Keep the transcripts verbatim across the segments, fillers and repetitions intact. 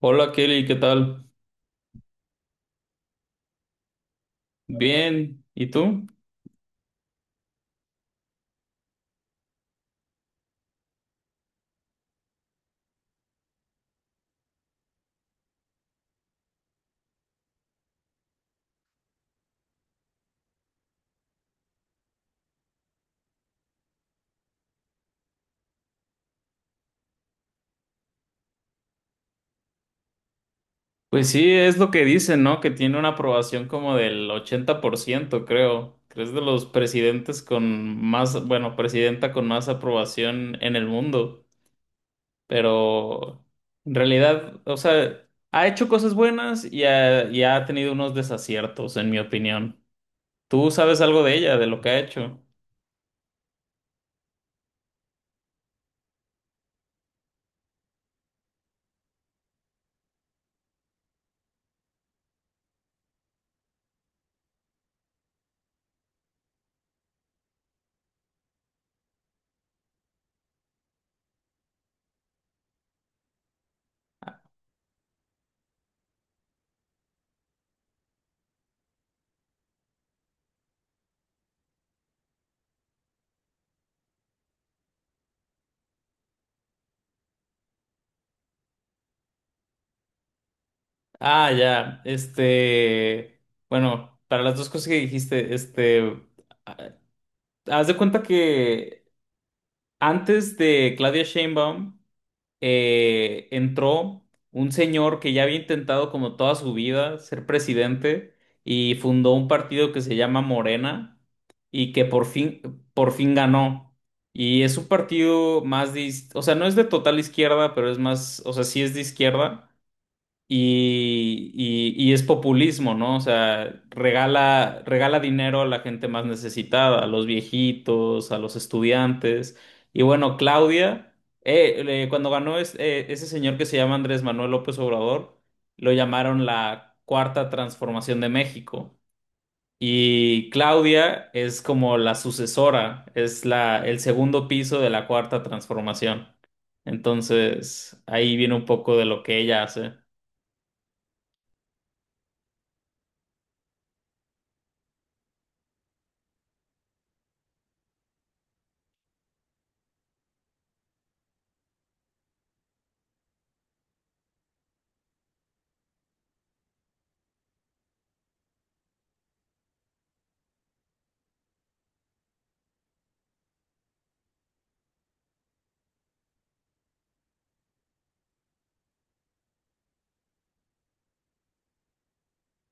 Hola Kelly, ¿qué tal? Bien, ¿y tú? Pues sí, es lo que dicen, ¿no? Que tiene una aprobación como del ochenta por ciento, creo. Que es de los presidentes con más, bueno, presidenta con más aprobación en el mundo. Pero en realidad, o sea, ha hecho cosas buenas y ha, y ha tenido unos desaciertos, en mi opinión. ¿Tú sabes algo de ella, de lo que ha hecho? Ah, ya, este, bueno, para las dos cosas que dijiste, este. Haz de cuenta que antes de Claudia Sheinbaum eh, entró un señor que ya había intentado como toda su vida ser presidente y fundó un partido que se llama Morena y que por fin, por fin ganó. Y es un partido más de, is- o sea, no es de total izquierda, pero es más, o sea, sí es de izquierda y, y- y es populismo, ¿no? O sea, regala, regala dinero a la gente más necesitada, a los viejitos, a los estudiantes. Y bueno, Claudia, eh, le- cuando ganó es- eh, ese señor que se llama Andrés Manuel López Obrador, lo llamaron la Cuarta Transformación de México. Y Claudia es como la sucesora, es la, el segundo piso de la Cuarta Transformación. Entonces, ahí viene un poco de lo que ella hace.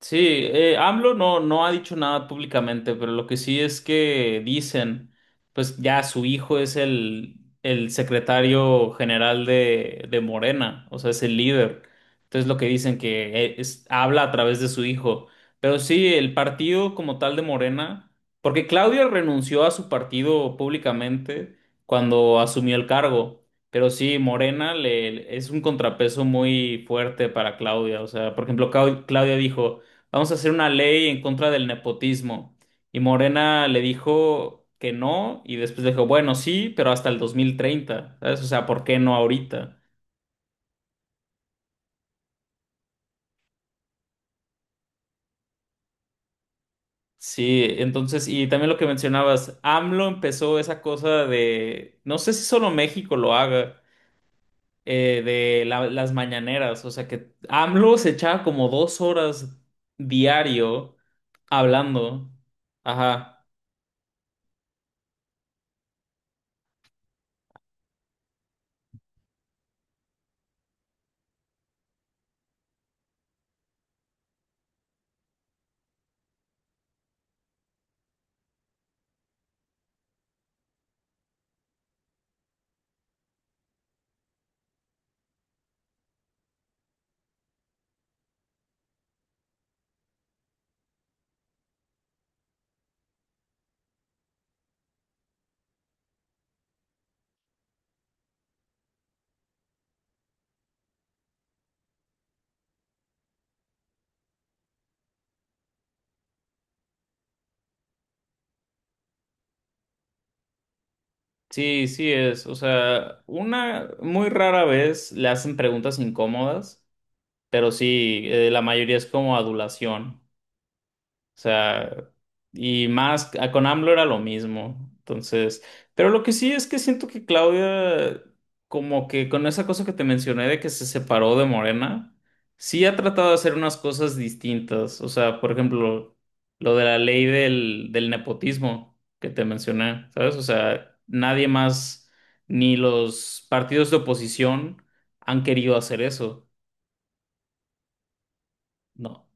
Sí, eh, AMLO no, no ha dicho nada públicamente, pero lo que sí es que dicen, pues ya su hijo es el, el secretario general de, de Morena, o sea, es el líder. Entonces lo que dicen que eh, es- habla a través de su hijo. Pero sí, el partido como tal de Morena, porque Claudia renunció a su partido públicamente cuando asumió el cargo. Pero sí, Morena le, es un contrapeso muy fuerte para Claudia. O sea, por ejemplo, Cau- Claudia dijo vamos a hacer una ley en contra del nepotismo. Y Morena le dijo que no, y después le dijo, bueno, sí, pero hasta el dos mil treinta, ¿sabes? O sea, ¿por qué no ahorita? Sí, entonces, y también lo que mencionabas, AMLO empezó esa cosa de, no sé si solo México lo haga, eh, de la- las mañaneras, o sea que AMLO se echaba como dos horas diario hablando. Ajá. Sí, sí es. O sea, una muy rara vez le hacen preguntas incómodas, pero sí, eh, la mayoría es como adulación. O sea, y más ah, con AMLO era lo mismo. Entonces, pero lo que sí es que siento que Claudia, como que con esa cosa que te mencioné de que se separó de Morena, sí ha tratado de hacer unas cosas distintas. O sea, por ejemplo, lo de la ley del, del nepotismo que te mencioné, ¿sabes? O sea, nadie más, ni los partidos de oposición han querido hacer eso. No.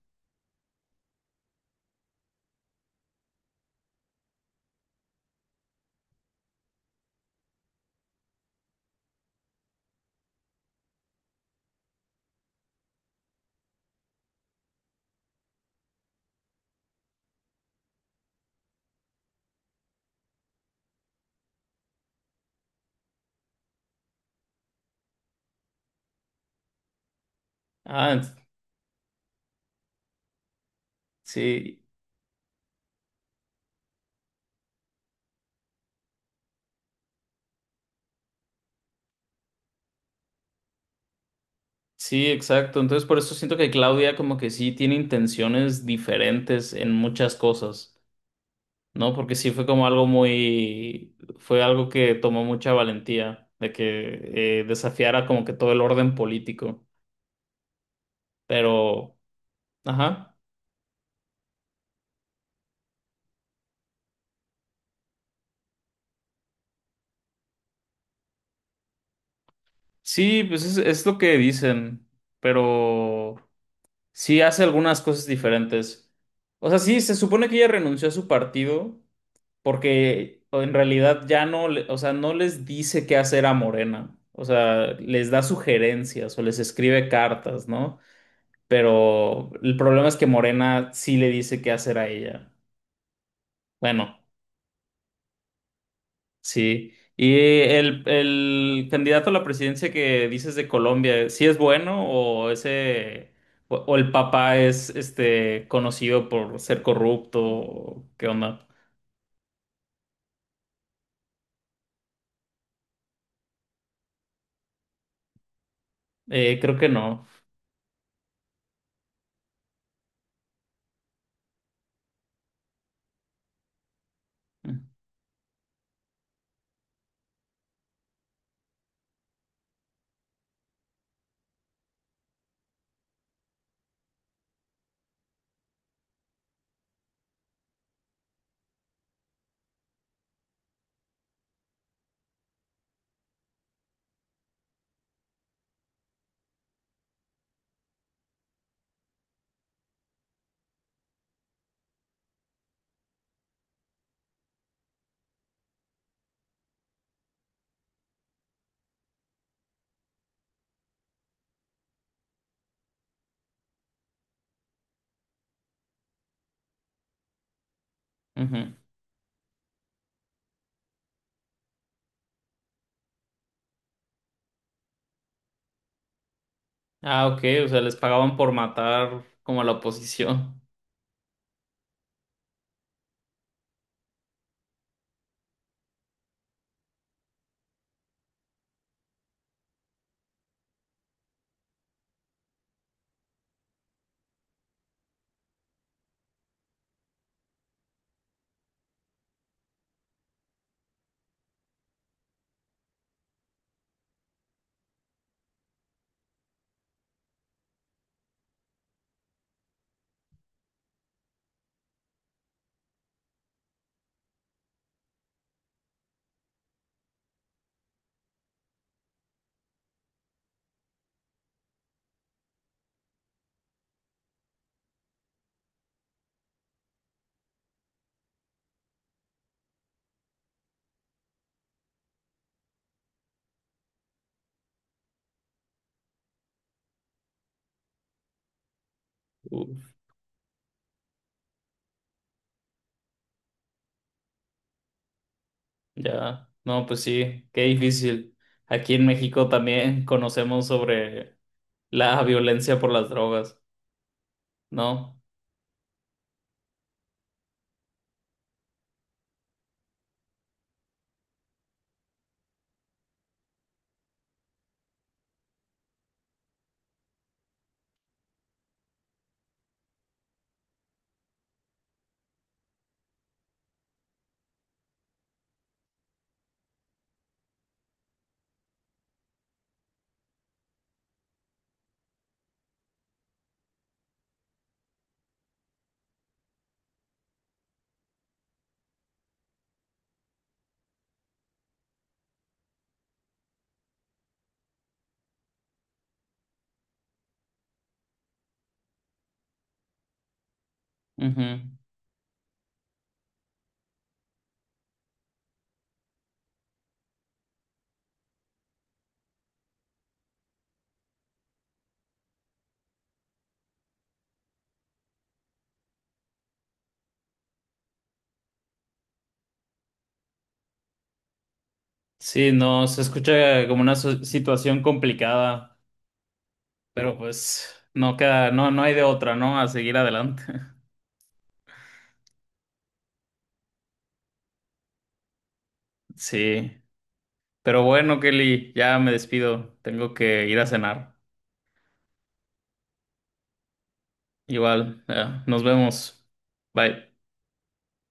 Ah, sí. Sí, exacto. Entonces por eso siento que Claudia como que sí tiene intenciones diferentes en muchas cosas, ¿no? Porque sí fue como algo muy, fue algo que tomó mucha valentía de que eh, desafiara como que todo el orden político. Pero, ajá. Sí, pues es, es lo que dicen, pero. Sí, hace algunas cosas diferentes. O sea, sí, se supone que ella renunció a su partido porque en realidad ya no, le- o sea, no les dice qué hacer a Morena. O sea, les da sugerencias o les escribe cartas, ¿no? Pero el problema es que Morena sí le dice qué hacer a ella. Bueno. Sí. Y eh, el, el candidato a la presidencia que dices de Colombia, ¿sí es bueno o ese o, o el papá es este conocido por ser corrupto? O ¿qué onda? Eh, creo que no. Ujú. Ah, ok, o sea, les pagaban por matar como a la oposición. Uf, ya. No, pues sí, qué difícil. Aquí en México también conocemos sobre la violencia por las drogas, ¿no? Ujú. Sí, no, se escucha como una su- situación complicada, pero pues no queda, no, no hay de otra, ¿no? A seguir adelante. Sí, pero bueno, Kelly, ya me despido, tengo que ir a cenar. Igual, ya, nos vemos. Bye.